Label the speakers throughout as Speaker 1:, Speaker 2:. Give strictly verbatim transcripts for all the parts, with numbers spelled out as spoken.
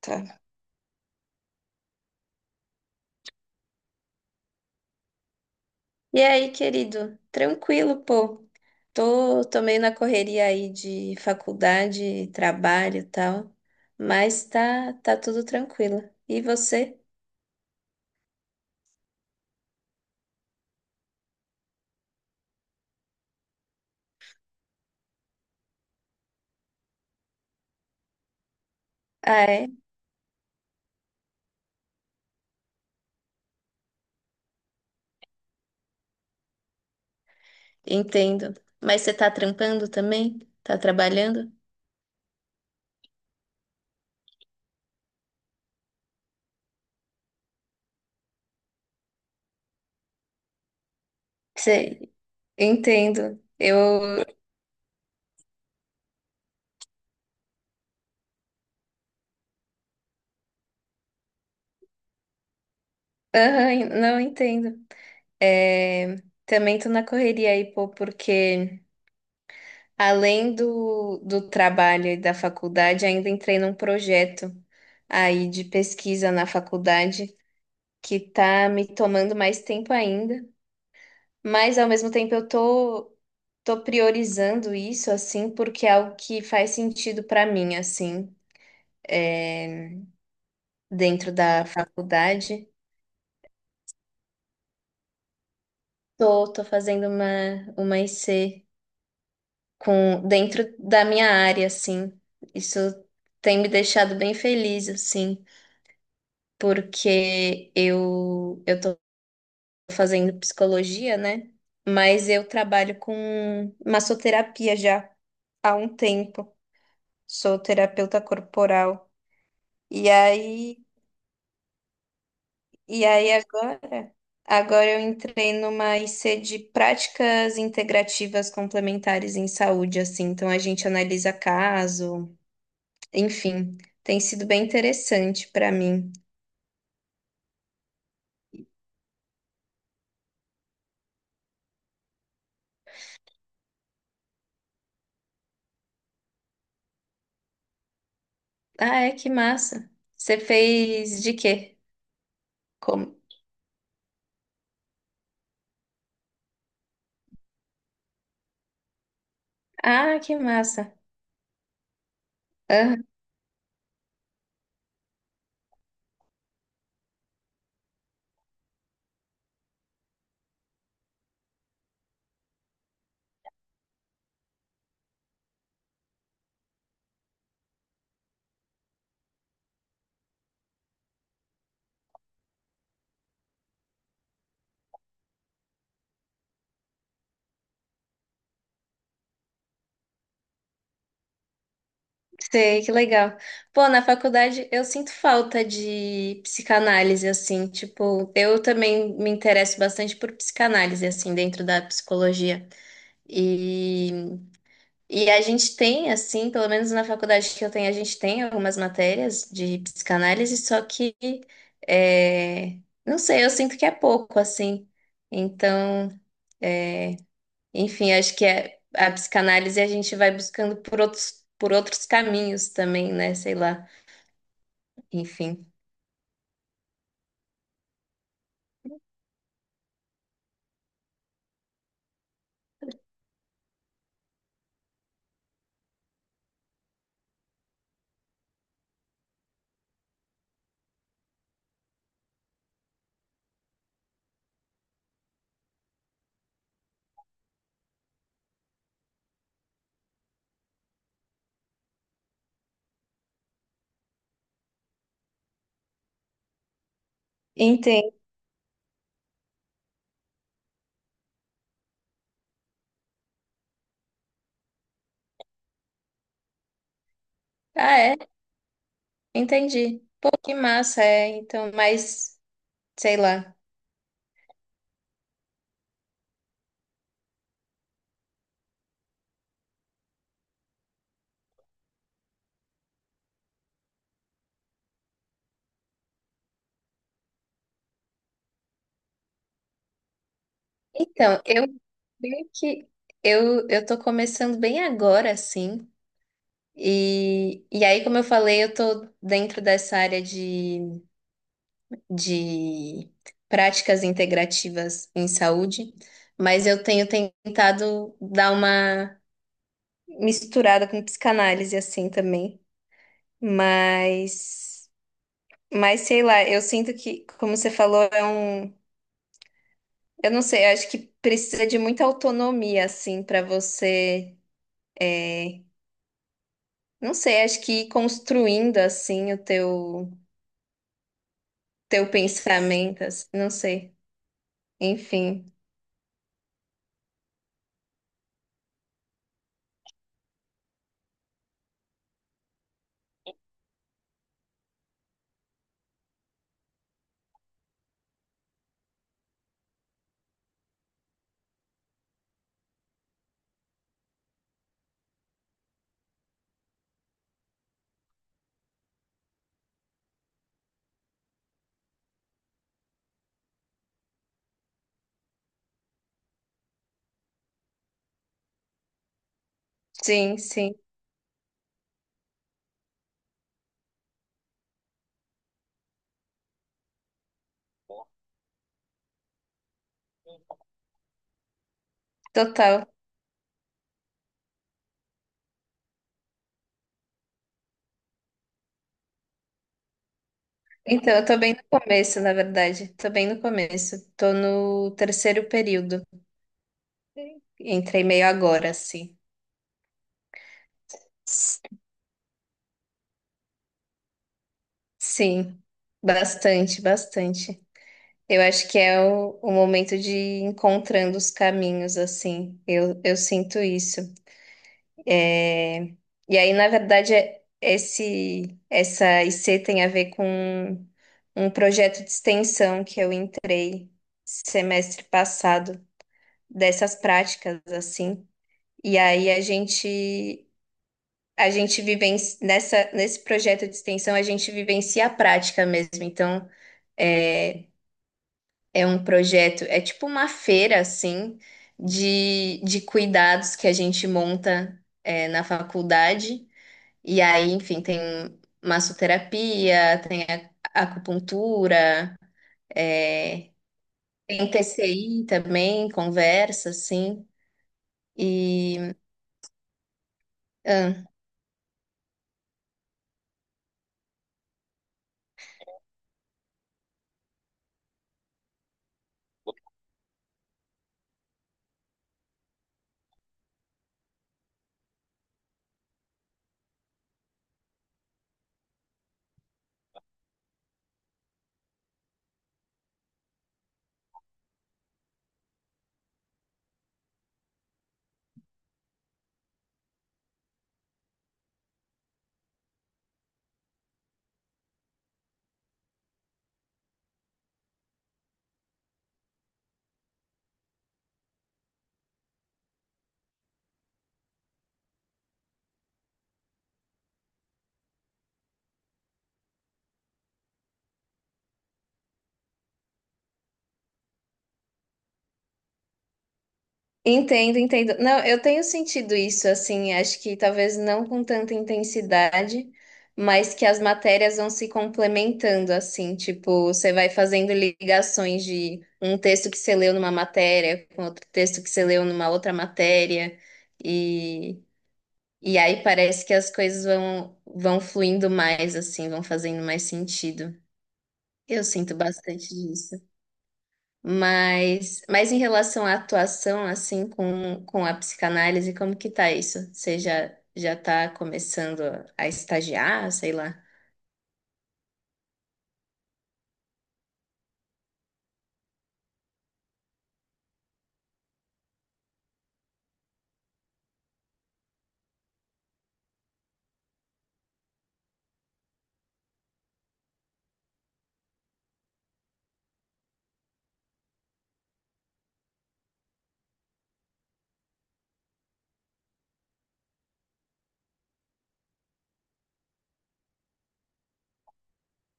Speaker 1: Tá. E aí, querido? Tranquilo, pô. Tô, tô meio na correria aí de faculdade, trabalho e tal, mas tá, tá tudo tranquilo. E você? Ah, é? Entendo. Mas você tá trampando também? Tá trabalhando? Sei, entendo. Eu, aham, não entendo. É, também tô na correria aí, pô, porque além do, do trabalho e da faculdade, ainda entrei num projeto aí de pesquisa na faculdade que tá me tomando mais tempo ainda, mas ao mesmo tempo eu tô tô priorizando isso assim porque é algo que faz sentido para mim assim, é, dentro da faculdade. Tô, tô fazendo uma uma I C com dentro da minha área assim. Isso tem me deixado bem feliz assim, porque eu eu tô fazendo psicologia, né? Mas eu trabalho com massoterapia já há um tempo. Sou terapeuta corporal. E aí, e aí agora, agora eu entrei numa I C de práticas integrativas complementares em saúde, assim. Então a gente analisa caso, enfim, tem sido bem interessante para mim. Ah, é que massa. Você fez de quê? Como? Ah, que massa. Sei, que legal. Pô, na faculdade eu sinto falta de psicanálise, assim, tipo, eu também me interesso bastante por psicanálise, assim, dentro da psicologia. E, e a gente tem, assim, pelo menos na faculdade que eu tenho, a gente tem algumas matérias de psicanálise, só que, é, não sei, eu sinto que é pouco, assim. Então, é, enfim, acho que é, a psicanálise a gente vai buscando por outros, por outros caminhos também, né? Sei lá. Enfim. Entendi. Ah, é? Entendi. Pô, que massa, é. Então, mas, sei lá. Então, eu meio que eu, eu tô começando bem agora, assim. E, e aí, como eu falei, eu tô dentro dessa área de, de práticas integrativas em saúde, mas eu tenho tentado dar uma misturada com psicanálise assim também, mas mas sei lá, eu sinto que, como você falou, é um, eu não sei, eu acho que precisa de muita autonomia assim para você, é, não sei, acho que ir construindo assim o teu teu pensamento, assim, não sei. Enfim. Sim, sim. Total. Então, eu tô bem no começo, na verdade. Tô bem no começo. Tô no terceiro período. Entrei meio agora, assim. Sim, bastante, bastante. Eu acho que é o, o momento de ir encontrando os caminhos, assim. Eu, eu sinto isso. É, e aí, na verdade, é- esse, essa I C tem a ver com um projeto de extensão que eu entrei semestre passado, dessas práticas, assim. E aí a gente. A gente vivencia, nessa, nesse projeto de extensão, a gente vivencia a prática mesmo. Então, é, é um projeto, é tipo uma feira, assim, de, de cuidados que a gente monta, é, na faculdade. E aí, enfim, tem massoterapia, tem a- acupuntura, é, tem T C I também, conversa, assim. E. Entendo, entendo. Não, eu tenho sentido isso, assim, acho que talvez não com tanta intensidade, mas que as matérias vão se complementando, assim, tipo, você vai fazendo ligações de um texto que você leu numa matéria com outro texto que você leu numa outra matéria, e, e aí parece que as coisas vão, vão fluindo mais, assim, vão fazendo mais sentido. Eu sinto bastante disso. Mas, mas em relação à atuação, assim, com, com a psicanálise, como que tá isso? Você já, já tá começando a estagiar, sei lá?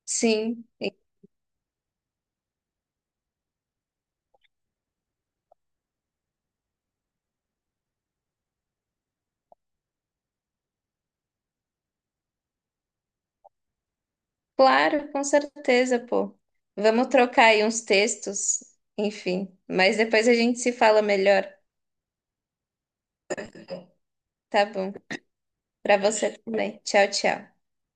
Speaker 1: Sim, e claro, com certeza, pô. Vamos trocar aí uns textos, enfim. Mas depois a gente se fala melhor, tá bom? Pra você também. Tchau, tchau.